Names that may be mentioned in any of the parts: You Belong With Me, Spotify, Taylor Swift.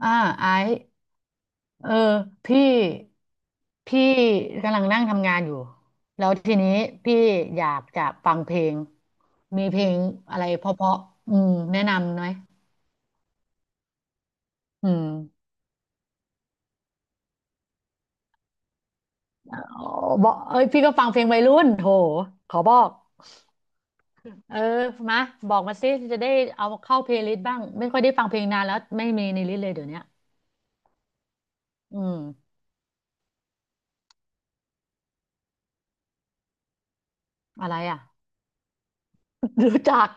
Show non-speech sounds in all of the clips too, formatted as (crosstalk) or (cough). อ่าไอซ์เออพี่พี่กำลังนั่งทำงานอยู่แล้วทีนี้พี่อยากจะฟังเพลงมีเพลงอะไรเพราะๆอืมแนะนำไหมอืมอ๋อบอกเอ้ยพี่ก็ฟังเพลงวัยรุ่นโถขอบอกเออมาบอกมาสิจะได้เอาเข้าเพลย์ลิสต์บ้างไม่ค่อยได้ฟังเพลงนานแล้วไม่มีในลิสต์เลยเดี๋ยวเนี้ยอืมอะไรอ่ะรู้จัก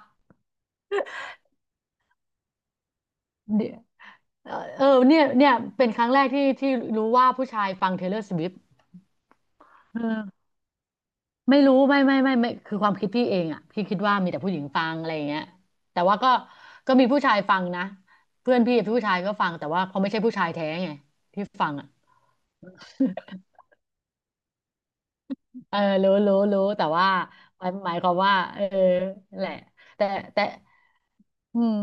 เดี๋ยวเออเออเนี่ยเนี่ยเป็นครั้งแรกที่รู้ว่าผู้ชายฟัง Taylor Swift เออไม่รู้ไม่คือความคิดพี่เองอ่ะพี่คิดว่ามีแต่ผู้หญิงฟังอะไรอย่างเงี้ยแต่ว่าก็ก็มีผู้ชายฟังนะเพื่อนพี่ผู้ชายก็ฟังแต่ว่าเขาไม่ใช่ผู้ชายแท้ไงที่ฟังอ่ะเออรู้แต่ว่าหมายความว่าเออนั่นแหละแต่แต่อืม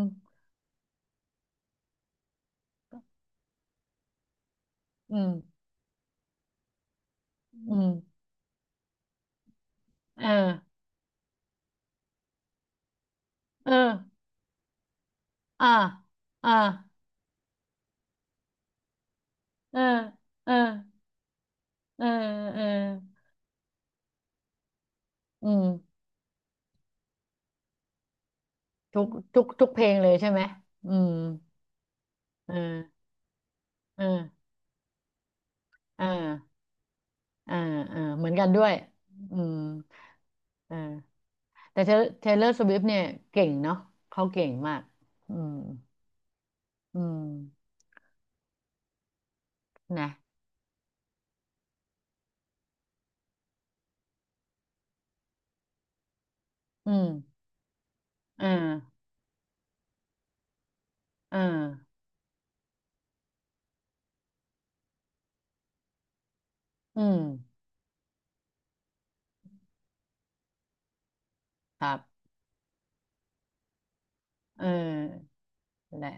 อืมอืมเออเอออ่าอ่าเออเออเออเอออืมทุกทุกเพลงเลยใช่ไหมอืมเออเออเออ อ่าอ่าเหมือนกันด้วยอืมอ่าแต่เทเลอร์สวิฟเนี่ยเก่งเนาะเขาเก่งมากอืมอืมนะอืมเอ่าอ่าอืมครับเออแหละ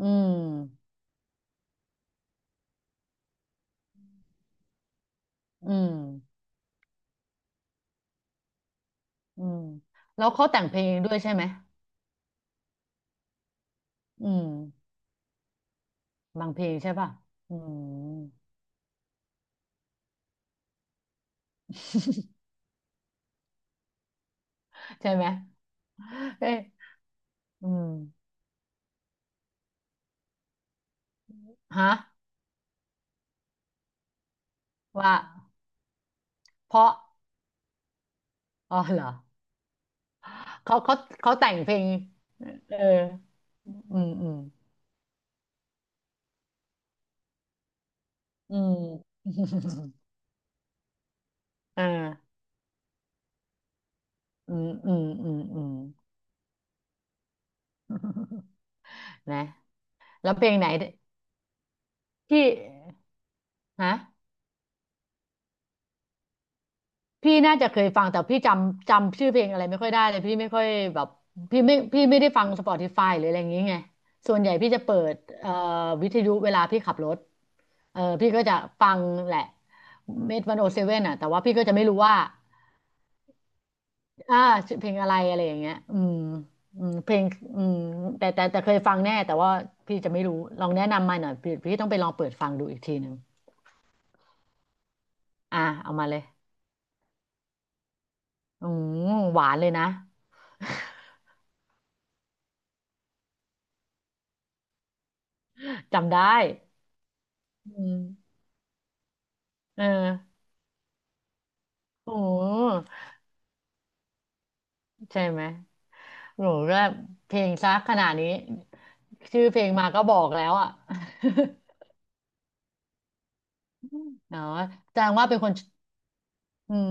อืมอืมอืมแล้วเขาแต่งเพลงด้วยใช่ไหมอืมบางเพลงใช่ป่ะอืมใช่ไหมเอ๊ะอืมฮะว่าเพราะอ๋อเหรอเขาเขาแต่งเพลงเอออืมอืม อืม (laughs) อ่าอืมอืมอืมอืม (laughs) นะแล้วเพลงไหนที่ฮะพี่น่าจะเคยฟังแต่พี่จำชื่อเพลงอะไรไม่ค่อยได้เลยพี่ไม่ค่อยแบบพี่ไม่ได้ฟัง Spotify หรืออะไรอย่างงี้ไงส่วนใหญ่พี่จะเปิดวิทยุเวลาพี่ขับรถเออพี่ก็จะฟังแหละเมทวันโอเซเว่นอ่ะแต่ว่าพี่ก็จะไม่รู้ว่า อ่าชื่อเพลงอะไรอะไรอย่างเงี้ยอืมอืมเพลงอืมแต่เคยฟังแน่แต่ว่าพี่จะไม่รู้ลองแนะนำมาหน่อยพี่ต้องไปลองเปิดฟังดูอีกทีหนึ่งอ่าเอามาเลยอืมหวานเลยนะ (laughs) จำได้อืมเออโอ้โหใช่ไหมโหก็เพลงซะขนาดนี้ชื่อเพลงมาก็บอกแล้วอ่ะ (laughs) เนาะแสดงว่าเป็นคนอืม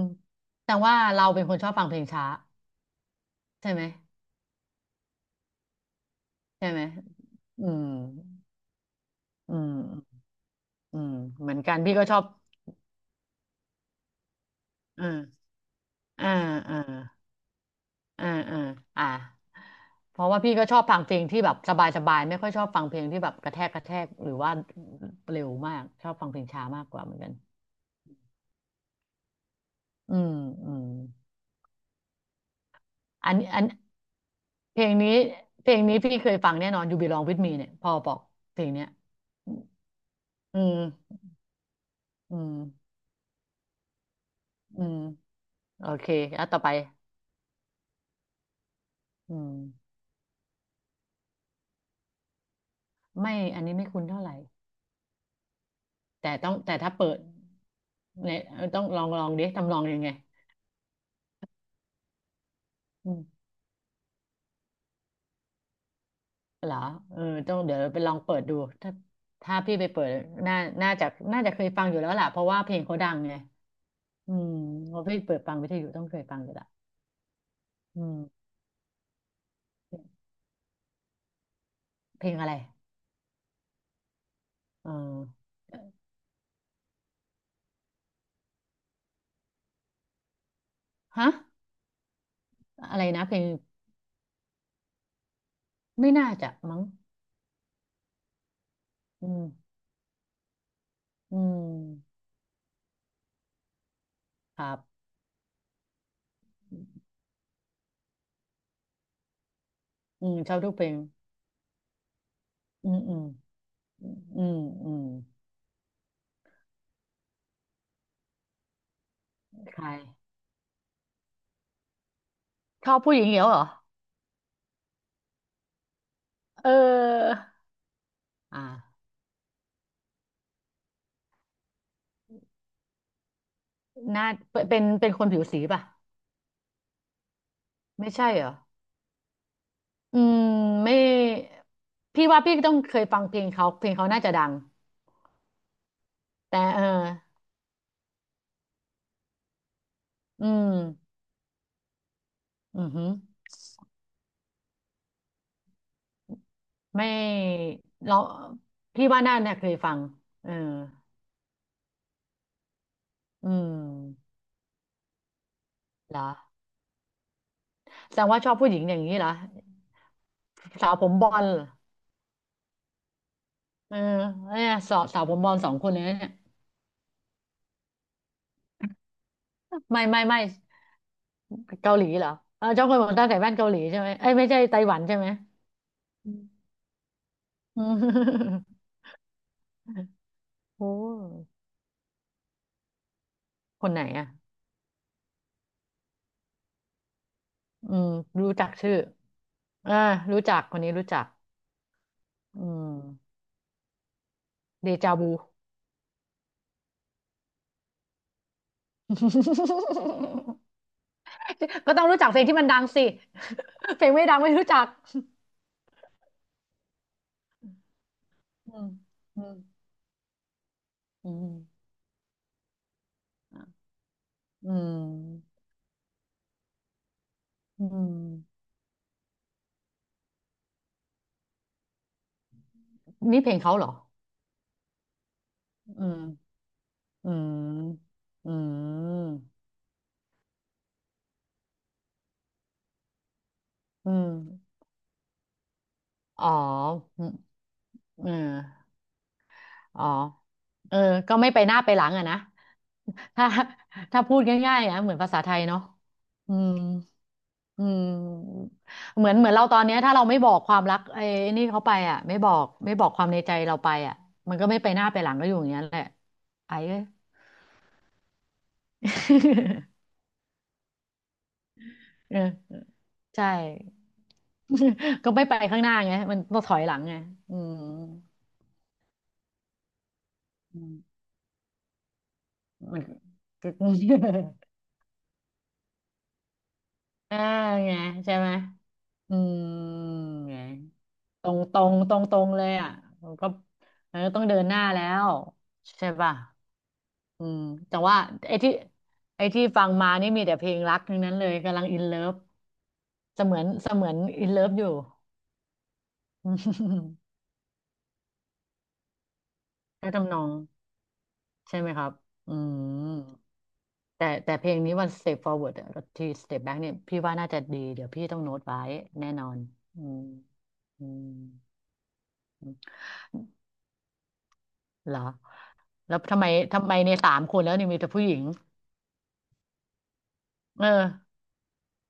แสดงว่าเราเป็นคนชอบฟังเพลงช้าใช่ไหมใช่ไหมอืมอืม อืมเหมือนกันพี่ก็ชอบอ่าอ่าอ่าอ่าอ่าอ่าเพราะว่าพี่ก็ชอบฟังเพลงที่แบบสบายสบายไม่ค่อยชอบฟังเพลงที่แบบกระแทกกระแทกหรือว่าเร็วมากชอบฟังเพลงช้ามากกว่าเหมือนกันอืมอืมอันเพลงนี้เพลงนี้พี่เคยฟังแน่นอน You Belong With Me เนี่ยพอบอกเพลงเนี้ยอืมอืมอืมโอเคแล้วต่อไปอืมไม่อันนี้ไม่คุ้นเท่าไหร่ แต่ต้องแต่ถ้าเปิดเนี่ยต้องลองลองดิทำลองยังไงอืมเหรอเออต้องเดี๋ยวไปลองเปิดดูถ้าถ้าพี่ไปเปิดน่าน่าจะน่าจะเคยฟังอยู่แล้วล่ะเพราะว่าเพลงเขาดังไงอืมเพราะพี่เปิดฟังวิทยุต้องเคยฟังอยู่ละอืมเพลงอะไรเออฮะอะไรนะเพลงไม่น่าจะมั้งอืมอืมครับอืมชอบทุกเพลงอืมอืมอืมอืมใครชอบผู้หญิงเหรอเหรอเออ อ่าหน้าเป็นคนผิวสีป่ะไม่ใช่เหรออืมไม่พี่ว่าพี่ต้องเคยฟังเพลงเขาเพลงเขาน่าจะดังแต่เอออืมอือหือไม่เราพี่ว่าน่าเนี่ยเคยฟังเอออืมเหรอแสดงว่าชอบผู้หญิงอย่างนี้เหรอสาวผมบอลเหรอเออเนี่ยสาวสาวผมบอลสองคนเลยนะเนี่ยไม่ไม่ไม่เกาหลีเหรอเออเจ้าคนผมตาใส่แว่นเกาหลีใช่ไหมเอ้ยไม่ใช่ไต้หวันใช่ไหมอืม โอ้คนไหนอ่ะ อืม รู้จักชื่ออ่ารู้จัก คนนี้รู้จักอืมเดจาวู (laughs) ก็ต้องรู้จักเพลงที่มันดังสิเพลงไม่ดังไม่รู้จักอืมอืมอืมอืมอืมนี่เพลงเขาเหรออืมอืมอืมอืมอ๋ออืมเอออ๋อเออก็ไม่ไปหน้าไปหลังอะนะ ถ้า (laughs) ถ้าพูดง่ายๆอ่ะเหมือนภาษาไทยเนาะอืมอืมเหมือนเหมือนเราตอนเนี้ยถ้าเราไม่บอกความรักไอ้นี่เขาไปอ่ะไม่บอกไม่บอกความในใจเราไปอ่ะมันก็ไม่ไปหน้าไปหลังก็อยู่อย่างเงี้ยแหละไอ้เอ้ย (laughs) เออใช่ (laughs) ก็ไม่ไปข้างหน้าไงมันต้องถอยหลังไงอืมอืมมันก็ (laughs) อ่าไงใช่ไหม อืม ไงตรงตรงตรงตรงเลยอ่ะมันก็มันก็ต้องเดินหน้าแล้วใช่ป่ะอืมแต่ว่าไอ้ที่ไอ้ที่ฟังมานี่มีแต่เพลงรักทั้งนั้นเลยกำลังอินเลิฟเสมือนอินเลิฟอยู่ (laughs) อืมก็ทำนองใช่ไหมครับอืมแต่แต่เพลงนี้วัน Step Forward อะที่ Step Back เนี่ยพี่ว่าน่าจะดีเดี๋ยวพี่ต้องโน้ตไว้แน่นอนอืมอืม เหรอแล้วทำไมทำไมเนี่ยสามคนแล้วเนี่ยมีแต่ผู้หญิงเออ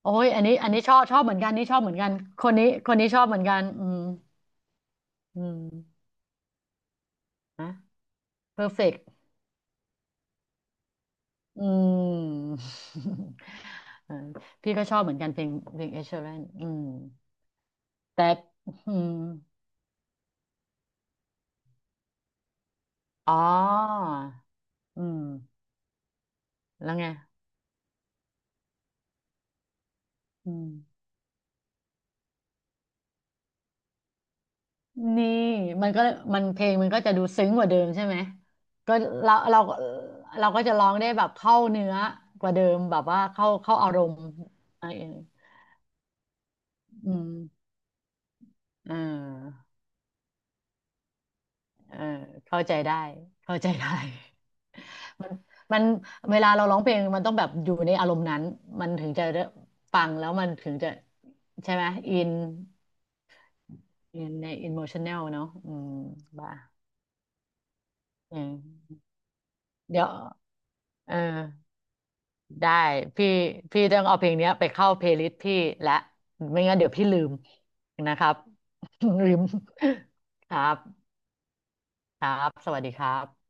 โอ้ยอันนี้อันนี้ชอบชอบเหมือนกันนี่ชอบเหมือนกันคนนี้คนนี้ชอบเหมือนกันอืมอืมนะเพอร์เฟกต์อืม (laughs) เออพี่ก็ชอบเหมือนกันเพลงเพลงเอชเชอรนอืมแต่อืมอ๋ออืมแล้วไงอืม นี่มันก็มันเพลงมันก็จะดูซึ้งกว่าเดิมใช่ไหมก็เราเราเราก็จะร้องได้แบบเข้าเนื้อกว่าเดิมแบบว่าเข้าอารมณ์อะไรอย่างเงี้ยอืมเออเออเข้าใจได้เข้าใจได้มันมันเวลาเราร้องเพลงมันต้องแบบอยู่ในอารมณ์นั้นมันถึงจะได้ฟังแล้วมันถึงจะใช่ไหมอินอินในอิ o มชันแนลเนาะอืมบ้าเออเดี๋ยวเออ ได้พี่พี่ต้องเอาเพลงเนี้ยไปเข้าเพลย์ลิสต์พี่และไม่งั้นเดี๋ยวพี่ลืมนะครับ (laughs) ลืมครับครับสวัสดีครับ